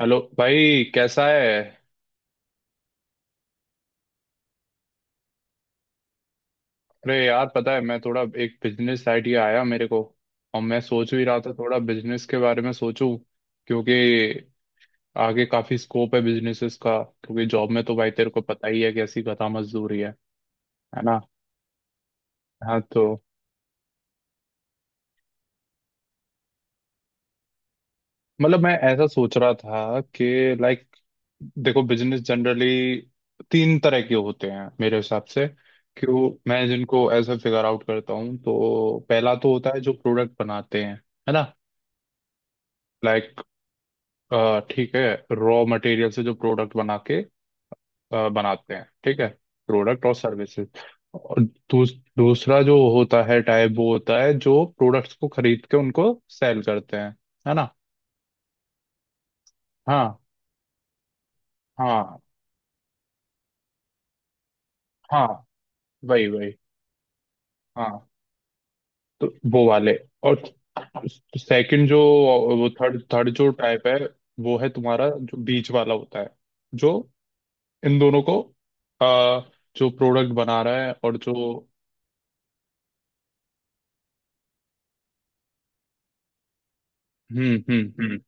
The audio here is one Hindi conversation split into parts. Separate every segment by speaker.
Speaker 1: हेलो भाई, कैसा है? अरे यार, पता है मैं थोड़ा एक बिजनेस आइडिया आया मेरे को। और मैं सोच भी रहा था थोड़ा बिजनेस के बारे में सोचूं। क्योंकि आगे काफी स्कोप है बिजनेसेस का। क्योंकि जॉब में तो भाई तेरे को पता ही है कैसी गधा मजदूरी है ना। हाँ तो मतलब मैं ऐसा सोच रहा था कि, लाइक, देखो बिजनेस जनरली तीन तरह के होते हैं मेरे हिसाब से। क्यों मैं जिनको ऐसा फिगर आउट करता हूँ तो पहला तो होता है जो प्रोडक्ट बनाते हैं, है ना। लाइक, ठीक है, रॉ मटेरियल से जो प्रोडक्ट बना के बनाते हैं, ठीक है। प्रोडक्ट और सर्विसेज। और दूसरा जो होता है टाइप वो होता है जो प्रोडक्ट्स को खरीद के उनको सेल करते हैं, है ना। हाँ हाँ हाँ, वही वही। हाँ तो वो वाले। और सेकंड जो, वो थर्ड थर्ड जो टाइप है, वो है तुम्हारा जो बीच वाला होता है। जो इन दोनों को, अ, जो प्रोडक्ट बना रहा है और जो। हम्म हम्म हम्म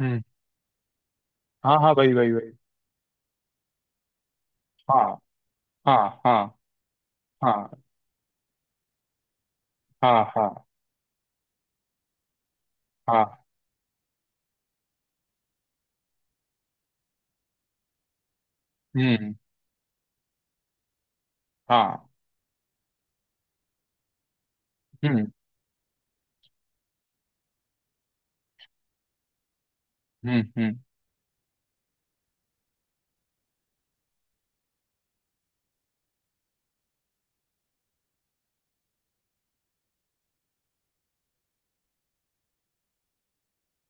Speaker 1: हम्म। हाँ हाँ, भाई भाई भाई। हाँ हाँ हाँ हाँ हाँ हाँ हाँ। हम्म। हाँ। हम्म हम्म हम्म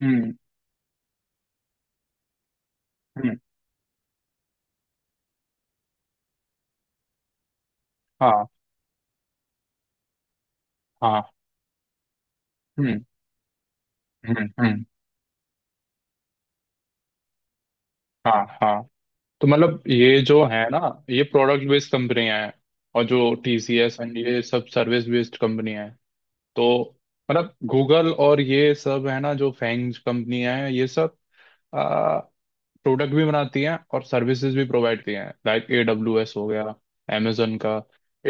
Speaker 1: हम्म हम्म। हाँ हाँ। हम्म हम्म। हाँ हाँ तो मतलब ये जो है ना, ये प्रोडक्ट बेस्ड कंपनियां हैं। और जो टीसीएस एंड ये सब सर्विस बेस्ड कंपनियां हैं। तो मतलब गूगल और ये सब है ना जो फैंग कंपनियां हैं, ये सब प्रोडक्ट भी बनाती हैं और सर्विसेज भी प्रोवाइड किए हैं, लाइक ए डब्ल्यू एस हो गया amazon का।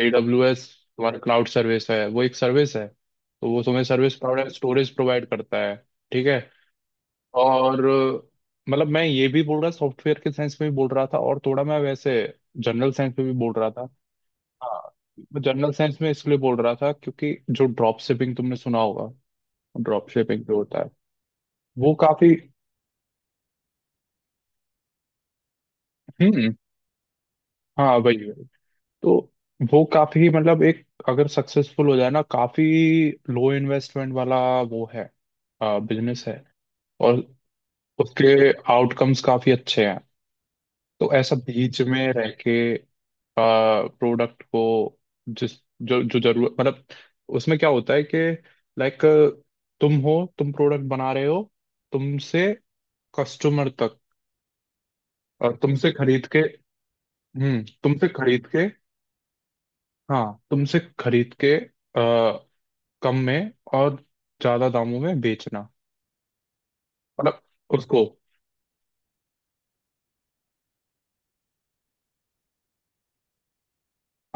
Speaker 1: ए डब्ल्यू एस तुम्हारा क्लाउड सर्विस है, वो एक सर्विस है, तो वो तुम्हें सर्विस प्रोवाइड स्टोरेज प्रोवाइड करता है, ठीक है। और मतलब मैं ये भी बोल रहा सॉफ्टवेयर के साइंस में भी बोल रहा था और थोड़ा मैं वैसे जनरल साइंस में भी बोल रहा था। हाँ मैं जनरल साइंस में इसलिए बोल रहा था क्योंकि जो ड्रॉप शिपिंग तुमने सुना होगा। ड्रॉप शिपिंग जो होता है वो काफी। हम्म। हाँ वही वही। तो वो काफी मतलब, एक अगर सक्सेसफुल हो जाए ना, काफी लो इन्वेस्टमेंट वाला वो है, बिजनेस है। और उसके आउटकम्स काफी अच्छे हैं। तो ऐसा बीच में रह के प्रोडक्ट को, जिस, जो जो जरूरत मतलब, उसमें क्या होता है कि, लाइक, तुम हो, तुम प्रोडक्ट बना रहे हो, तुमसे कस्टमर तक। और तुमसे खरीद के, हम्म, तुमसे खरीद के, हाँ तुमसे खरीद के कम में और ज्यादा दामों में बेचना। मतलब उसको,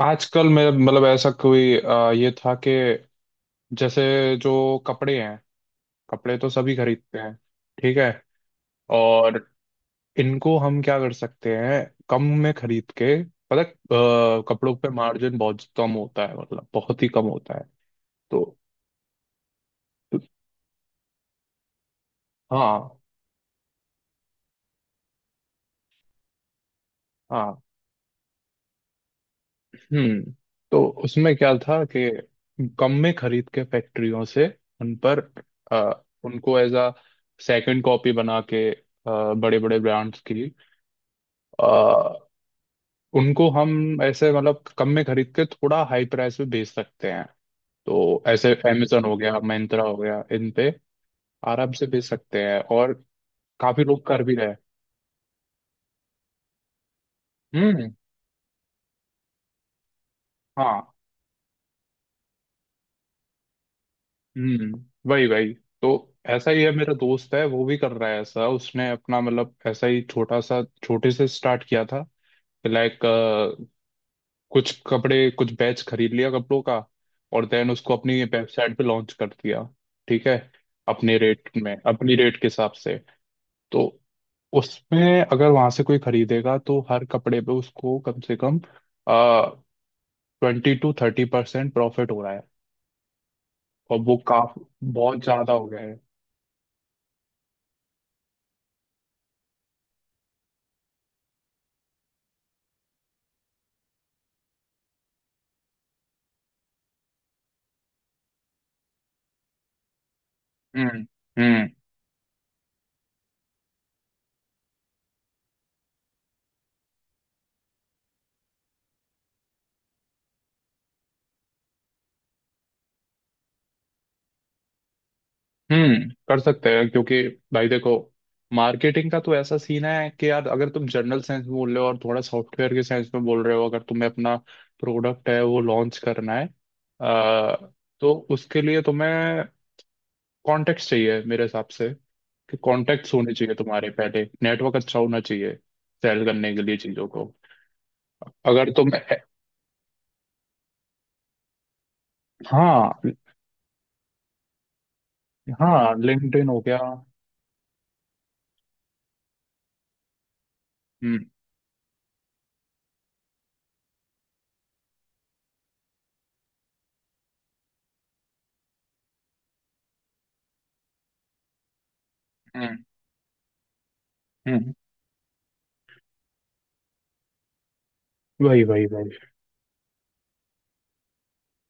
Speaker 1: आजकल में मतलब ऐसा कोई, ये था कि जैसे जो कपड़े हैं, कपड़े तो सभी खरीदते हैं, ठीक है। और इनको हम क्या कर सकते हैं? कम में खरीद के, पता है, कपड़ों पे मार्जिन बहुत कम होता है, मतलब बहुत ही कम होता है। तो हाँ हाँ। हम्म। तो उसमें क्या था कि कम में खरीद के फैक्ट्रियों से उन पर, उनको एज अ सेकंड कॉपी बना के बड़े बड़े ब्रांड्स की, अ, उनको हम ऐसे मतलब कम में खरीद के थोड़ा हाई प्राइस पे बेच सकते हैं। तो ऐसे Amazon हो गया, Myntra हो गया, इन पे आराम से बेच सकते हैं और काफी लोग कर भी रहे हैं। हम्म। हाँ। हम्म वही वही। तो ऐसा ही है, मेरा दोस्त है वो भी कर रहा है ऐसा, उसने अपना मतलब ऐसा ही छोटा सा छोटे से स्टार्ट किया था। लाइक, कुछ कपड़े कुछ बैच खरीद लिया कपड़ों का। और देन उसको अपनी वेबसाइट पे लॉन्च कर दिया, ठीक है, अपने रेट में अपनी रेट के हिसाब से। तो उसमें अगर वहां से कोई खरीदेगा तो हर कपड़े पे उसको कम से कम 20 to 30% प्रॉफिट हो रहा है। और वो काफी बहुत ज्यादा हो गया है। हम्म हम्म। कर सकते हैं क्योंकि भाई देखो मार्केटिंग का तो ऐसा सीन है कि यार, अगर तुम जनरल सेंस में बोल रहे हो और थोड़ा सॉफ्टवेयर के सेंस में बोल रहे हो, अगर तुम्हें अपना प्रोडक्ट है वो लॉन्च करना है, अ, तो उसके लिए तुम्हें कॉन्टेक्ट चाहिए मेरे हिसाब से। कि कॉन्टेक्ट होने चाहिए तुम्हारे, पहले नेटवर्क अच्छा होना चाहिए सेल करने के लिए चीजों को। अगर तुम, हाँ हाँ, लिंक्डइन हो गया। हम्म हम्म हम्म वही वही वही।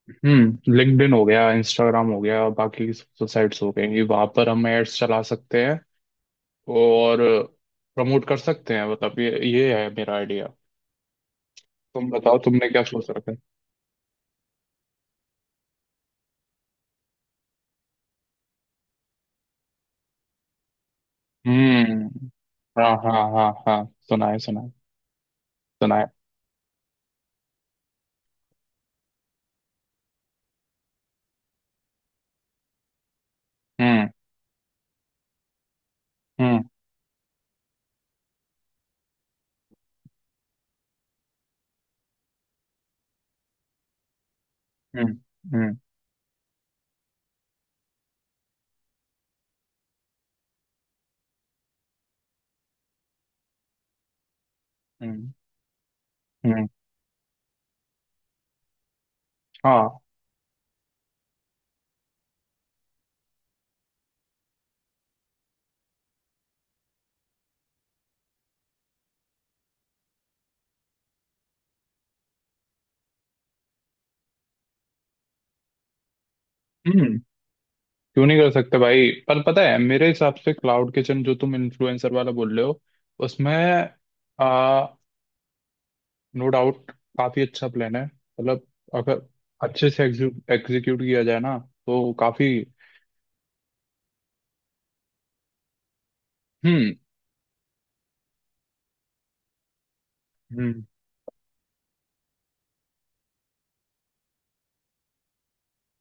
Speaker 1: लिंक्डइन हो गया, इंस्टाग्राम हो गया, बाकी साइट्स हो गई, वहां पर हम एड्स चला सकते हैं और प्रमोट कर सकते हैं, मतलब ये है मेरा आइडिया। तुम बताओ तुमने क्या सोच रखा है? हम्म। हाँ हाँ हाँ हाँ। सुनाए सुनाए सुनाए। हम्म हम्म हम्म हम्म हम्म हम्म, हाँ। हम्म। क्यों नहीं कर सकते भाई, पर पता है मेरे हिसाब से क्लाउड किचन जो तुम इन्फ्लुएंसर वाला बोल रहे हो, उसमें नो डाउट काफी अच्छा प्लान है, मतलब, अगर अच्छे से एग्जीक्यूट किया जाए ना तो काफी। हम्म हम्म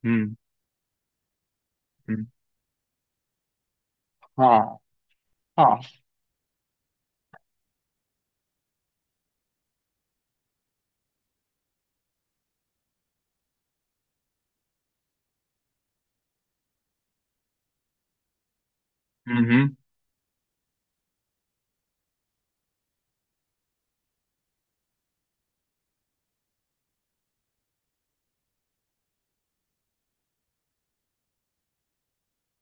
Speaker 1: हम्म हम्म, हाँ हाँ। हम्म हम्म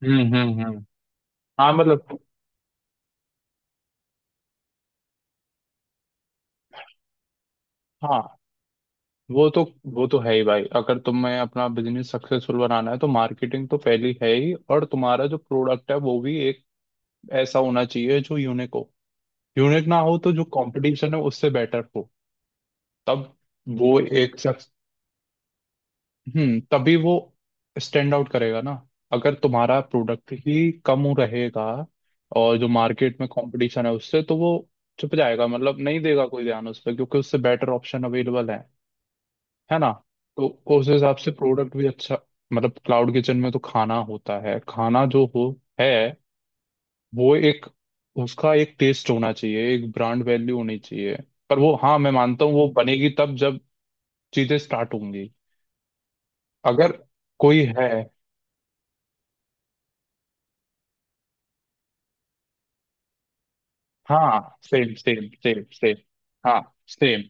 Speaker 1: हम्म हम्म हम्म। हाँ मतलब, हाँ वो तो, वो तो है ही भाई, अगर तुम्हें अपना बिजनेस सक्सेसफुल बनाना है तो मार्केटिंग तो पहली है ही, और तुम्हारा जो प्रोडक्ट है वो भी एक ऐसा होना चाहिए जो यूनिक हो। यूनिक ना हो तो जो कंपटीशन है उससे बेटर हो। तब वो एक, हम्म, तभी वो स्टैंड आउट करेगा ना। अगर तुम्हारा प्रोडक्ट ही कम रहेगा और जो मार्केट में कंपटीशन है उससे, तो वो छुप जाएगा, मतलब नहीं देगा कोई ध्यान उस पर क्योंकि उससे बेटर ऑप्शन अवेलेबल है ना। तो उस हिसाब से प्रोडक्ट भी अच्छा, मतलब क्लाउड किचन में तो खाना होता है, खाना जो हो है, वो एक, उसका एक टेस्ट होना चाहिए, एक ब्रांड वैल्यू होनी चाहिए। पर वो हाँ मैं मानता हूँ वो बनेगी तब जब चीजें स्टार्ट होंगी। अगर कोई है, हाँ सेम सेम सेम सेम, हाँ सेम,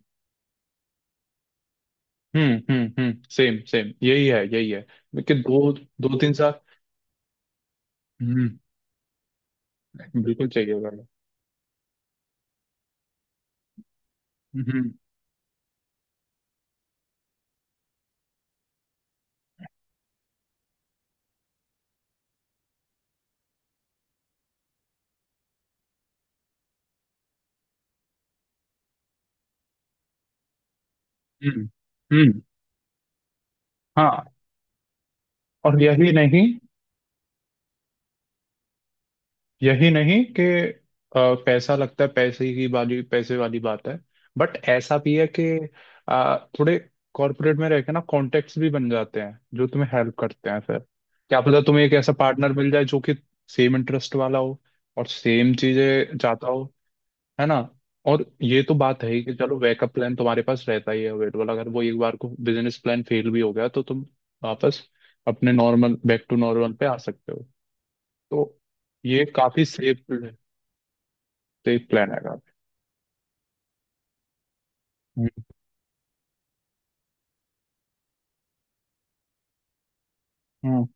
Speaker 1: सेम सेम, यही है यही है। लेकिन दो, 2-3 साल, हम्म, बिल्कुल चाहिए वाला। हम्म हम्म हम्म, हाँ। और यही नहीं, यही नहीं कि पैसा लगता है, पैसे की वाली पैसे वाली बात है, बट ऐसा भी है कि थोड़े कॉर्पोरेट में रह के ना कॉन्टेक्ट्स भी बन जाते हैं जो तुम्हें हेल्प करते हैं, फिर क्या पता तुम्हें एक ऐसा पार्टनर मिल जाए जो कि सेम इंटरेस्ट वाला हो और सेम चीजें चाहता हो, है ना। और ये तो बात है ही कि चलो बैकअप प्लान तुम्हारे पास रहता ही है अवेलेबल, अगर वो एक बार को बिजनेस प्लान फेल भी हो गया तो तुम वापस अपने नॉर्मल बैक टू नॉर्मल पे आ सकते हो। तो ये काफी सेफ है। तो एक प्लान है काफी। हम्म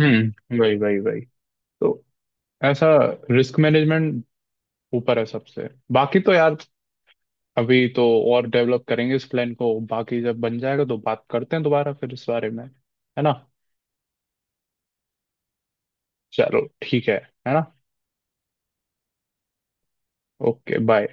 Speaker 1: हम्म, वही वही वही। तो ऐसा रिस्क मैनेजमेंट ऊपर है सबसे, बाकी तो यार अभी तो और डेवलप करेंगे इस प्लान को, बाकी जब बन जाएगा तो बात करते हैं दोबारा फिर इस बारे में, है ना। चलो, ठीक है ना। Okay, bye.